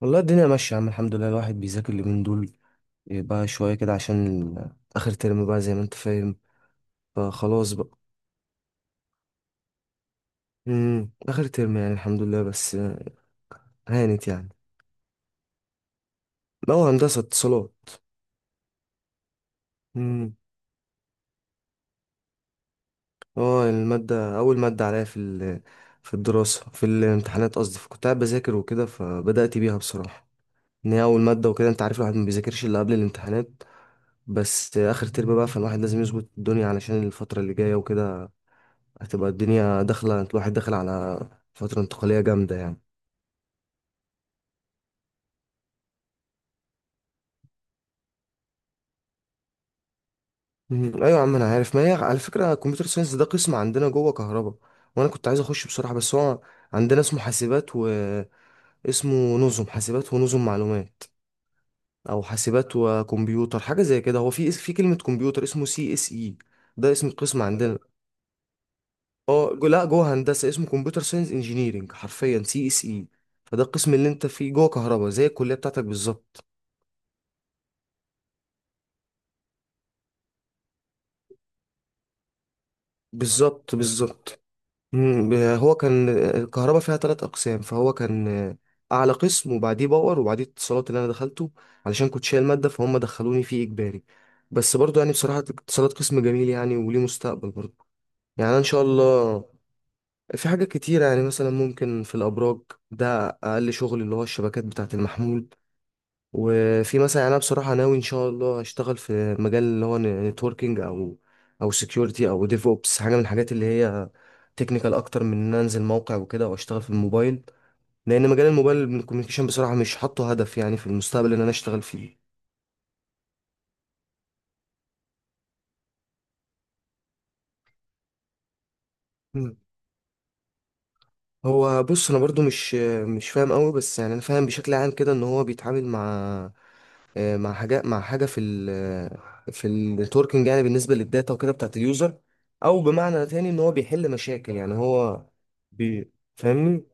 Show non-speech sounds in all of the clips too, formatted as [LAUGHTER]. والله الدنيا ماشية يا عم، الحمد لله. الواحد بيذاكر اليومين دول إيه بقى شوية كده عشان آخر ترم بقى زي ما أنت فاهم، فخلاص بقى. مم. آخر ترم يعني، الحمد لله. بس هانت يعني. هو هندسة اتصالات. مم. هو المادة أول مادة عليا في الدراسة، في الامتحانات قصدي، فكنت قاعد بذاكر وكده فبدأت بيها بصراحة، إن هي أول مادة وكده. أنت عارف الواحد ما بيذاكرش إلا قبل الامتحانات، بس آخر ترم بقى فالواحد لازم يظبط الدنيا علشان الفترة اللي جاية وكده. هتبقى الدنيا داخلة، الواحد داخل على فترة انتقالية جامدة يعني. مم. أيوة يا عم أنا عارف. ما هي على فكرة كمبيوتر ساينس ده قسم عندنا جوه كهرباء، وأنا كنت عايز أخش بصراحة، بس هو عندنا اسمه حاسبات واسمه نظم حاسبات ونظم معلومات، أو حاسبات وكمبيوتر، حاجة زي كده. هو في كلمة كمبيوتر اسمه سي اس إي. ده اسم القسم عندنا. اه لا، جوه هندسة اسمه كمبيوتر ساينس انجينيرنج، حرفيا سي اس إي. فده القسم اللي أنت فيه جوه كهرباء زي الكلية بتاعتك بالظبط. بالظبط بالظبط. مم، هو كان الكهرباء فيها ثلاث اقسام، فهو كان اعلى قسم، وبعديه باور، وبعديه اتصالات اللي انا دخلته علشان كنت شايل ماده، فهم دخلوني فيه اجباري. بس برضو يعني بصراحه اتصالات قسم جميل يعني، وليه مستقبل برضو. يعني أنا ان شاء الله، في حاجات كتيره يعني. مثلا ممكن في الابراج، ده اقل شغل، اللي هو الشبكات بتاعه المحمول. وفي مثلا، انا بصراحه ناوي ان شاء الله اشتغل في مجال اللي هو نتوركينج، او سكيورتي، او ديف اوبس، حاجه من الحاجات اللي هي تكنيكال اكتر من ان أنا انزل موقع وكده واشتغل في الموبايل، لان مجال الموبايل الكوميونيكيشن بصراحه مش حاطه هدف يعني في المستقبل ان انا اشتغل فيه. مم. هو بص انا برضو مش فاهم قوي، بس يعني انا فاهم بشكل عام كده ان هو بيتعامل مع مع حاجه في ال آه، في النتوركينج يعني، بالنسبه للداتا وكده بتاعت اليوزر. او بمعنى تاني ان هو بيحل مشاكل يعني. هو فاهمني.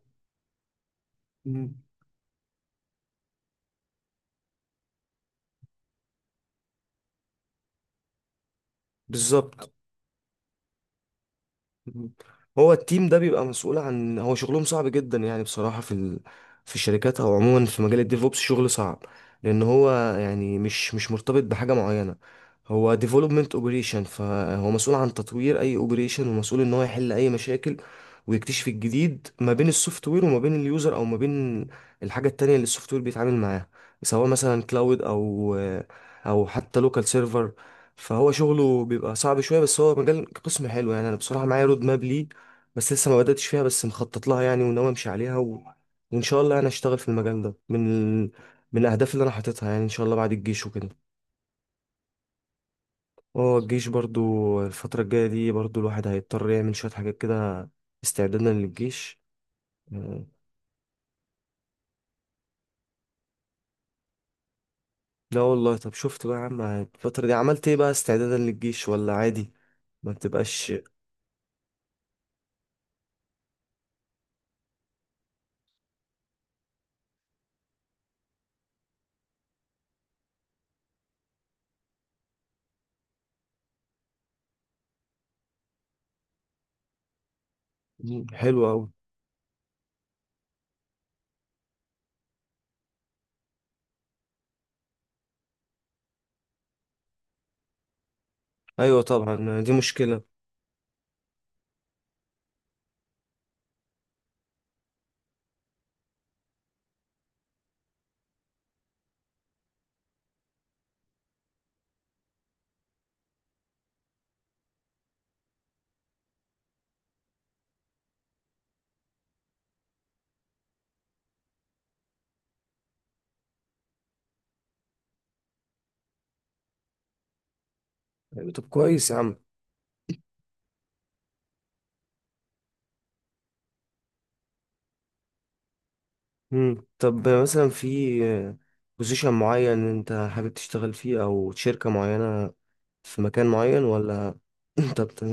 مم. بالظبط. مم. هو التيم ده بيبقى مسؤول عن، هو شغلهم صعب جدا يعني بصراحة، في الشركات، او عموما في مجال الديفوبس شغل صعب، لان هو يعني مش مرتبط بحاجة معينة. هو ديفلوبمنت اوبريشن، فهو مسؤول عن تطوير اي اوبريشن، ومسؤول ان هو يحل اي مشاكل، ويكتشف الجديد ما بين السوفت وير وما بين اليوزر، او ما بين الحاجة التانية اللي السوفت وير بيتعامل معاها، سواء مثلا كلاود او حتى لوكال سيرفر. فهو شغله بيبقى صعب شويه، بس هو مجال قسم حلو يعني. انا بصراحه معايا رود ماب ليه، بس لسه ما بداتش فيها، بس مخطط لها يعني، وناوي امشي عليها وان شاء الله انا اشتغل في المجال ده، من الاهداف اللي انا حاططها يعني، ان شاء الله بعد الجيش وكده. اه الجيش برضو الفتره الجايه دي، برضو الواحد هيضطر يعمل شويه حاجات كده استعدادا للجيش. آه، لا والله. طب شفت بقى يا عم الفتره دي عملت ايه بقى استعدادا للجيش، ولا عادي ما بتبقاش؟ حلوه قوي. ايوه طبعا، دي مشكله. طب كويس يا عم. طب مثلا في بوزيشن معين انت حابب تشتغل فيه، او شركة معينة في مكان معين، ولا [LAUGHS] [CLEARS THROAT] انت بت...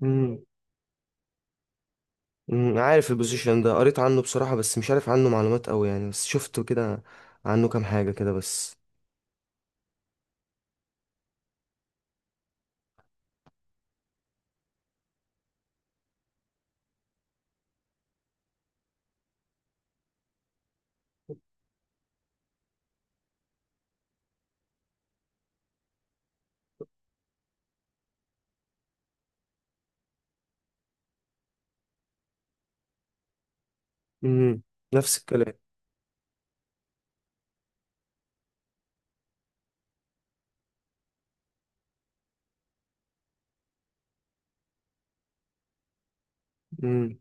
مم. مم. عارف البوزيشن ده، قريت عنه بصراحة بس مش عارف عنه معلومات قوي يعني، بس شفته كده عنه كام حاجة كده بس. مم. نفس الكلام. مم.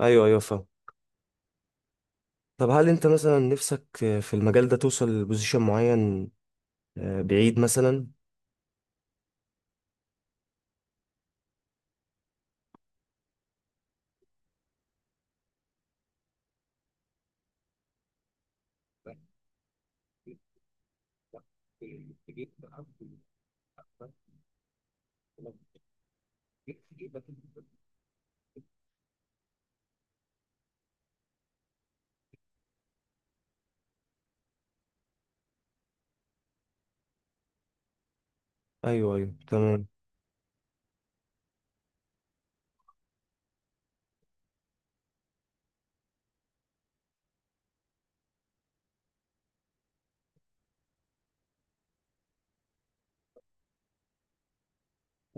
ايوه ايوه فاهم. طب هل انت مثلا نفسك في المجال ده توصل لبوزيشن معين بعيد مثلا؟ ايوه ايوه تمام.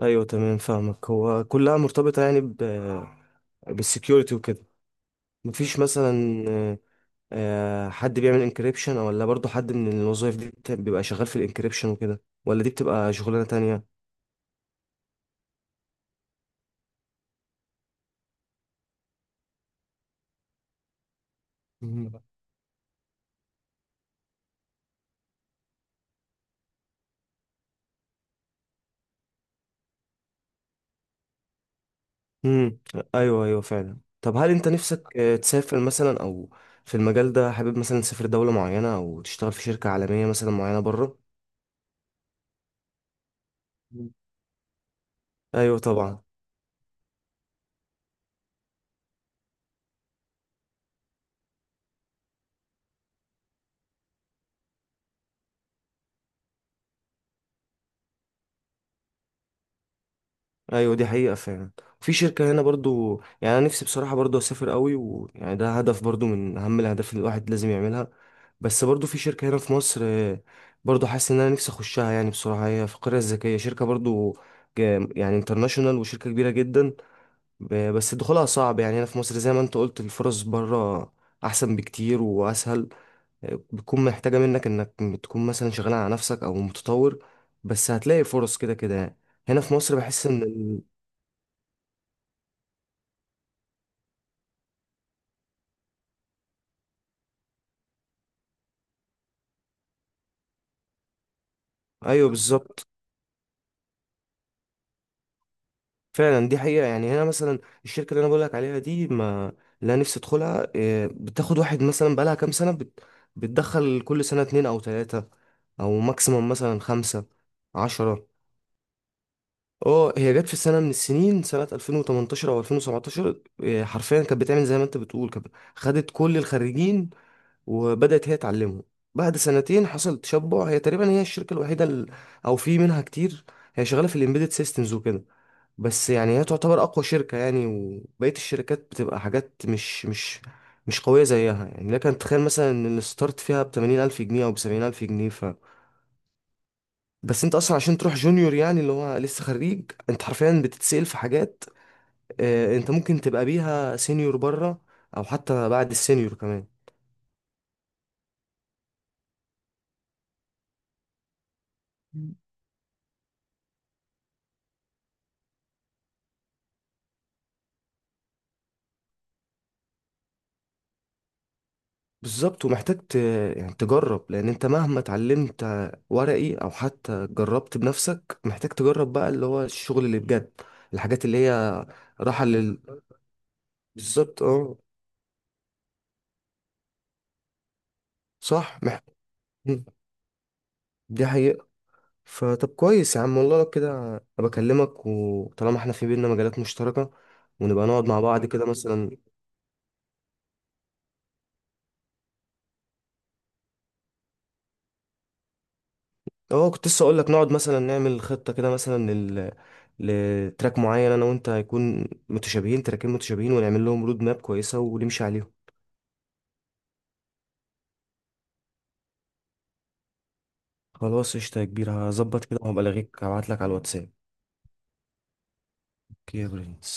ايوه تمام فاهمك. هو كلها مرتبطة يعني بالسكيورتي وكده. مفيش مثلا حد بيعمل انكريبشن، ولا برضو حد من الوظائف دي بيبقى شغال في الانكريبشن وكده، ولا دي بتبقى شغلانة تانية؟ مم. مم. ايوه ايوه فعلا. طب هل انت نفسك تسافر مثلا، او في المجال ده حابب مثلا تسافر دولة معينة او تشتغل في شركة عالمية مثلا معينة بره؟ ايوه طبعا. ايوه دي حقيقة فعلا. في شركة هنا برضو، يعني انا نفسي بصراحة برضو اسافر قوي، ويعني ده هدف برضو من اهم الاهداف اللي الواحد لازم يعملها. بس برضو في شركة هنا في مصر برضو حاسس ان انا نفسي اخشها يعني بصراحة. هي في القرية الذكية شركة برضو يعني انترناشونال، وشركة كبيرة جدا. بس دخولها صعب يعني. هنا في مصر زي ما انت قلت الفرص بره احسن بكتير واسهل. بتكون محتاجة منك انك تكون مثلا شغال على نفسك او متطور، بس هتلاقي فرص كده كده يعني. هنا في مصر بحس ان... ايوه بالظبط. فعلا دي حقيقه يعني. هنا مثلا الشركه اللي انا بقول لك عليها دي ما، لا نفسي ادخلها. إيه، بتاخد واحد مثلا بقالها كام سنه بتدخل كل سنه اتنين او تلاته، او ماكسيموم مثلا خمسه، عشرة. اه هي جت في سنه من السنين سنه 2018 او 2017، إيه، حرفيا كانت بتعمل زي ما انت بتقول. كانت خدت كل الخريجين، وبدأت هي تعلمهم. بعد سنتين حصل تشبع. هي تقريبا هي الشركة الوحيدة أو في منها كتير. هي شغالة في الإمبيدد سيستمز وكده، بس يعني هي تعتبر اقوى شركة يعني، وبقية الشركات بتبقى حاجات مش قوية زيها يعني. لكن تخيل مثلا ان الستارت فيها بتمانين الف جنيه او بسبعين الف جنيه بس انت اصلا عشان تروح جونيور، يعني اللي هو لسه خريج، انت حرفيا بتتسأل في حاجات انت ممكن تبقى بيها سينيور بره، او حتى بعد السينيور كمان. بالظبط. ومحتاج يعني تجرب. لان انت مهما اتعلمت ورقي او حتى جربت بنفسك، محتاج تجرب بقى اللي هو الشغل اللي بجد. الحاجات اللي هي راحة بالظبط اه. صح مم. دي حقيقة. فطب كويس يا عم والله لو كده. أنا بكلمك وطالما احنا في بينا مجالات مشتركة، ونبقى نقعد مع بعض كده مثلا. اه كنت لسه اقول لك نقعد مثلا نعمل خطه كده مثلا لتراك معين انا وانت، هيكون متشابهين، تراكين متشابهين، ونعمل لهم رود ماب كويسه ونمشي عليهم. خلاص قشطة يا كبير. هظبط كده وهبقى ألاغيك، هبعتلك على الواتساب. اوكي يا برنس.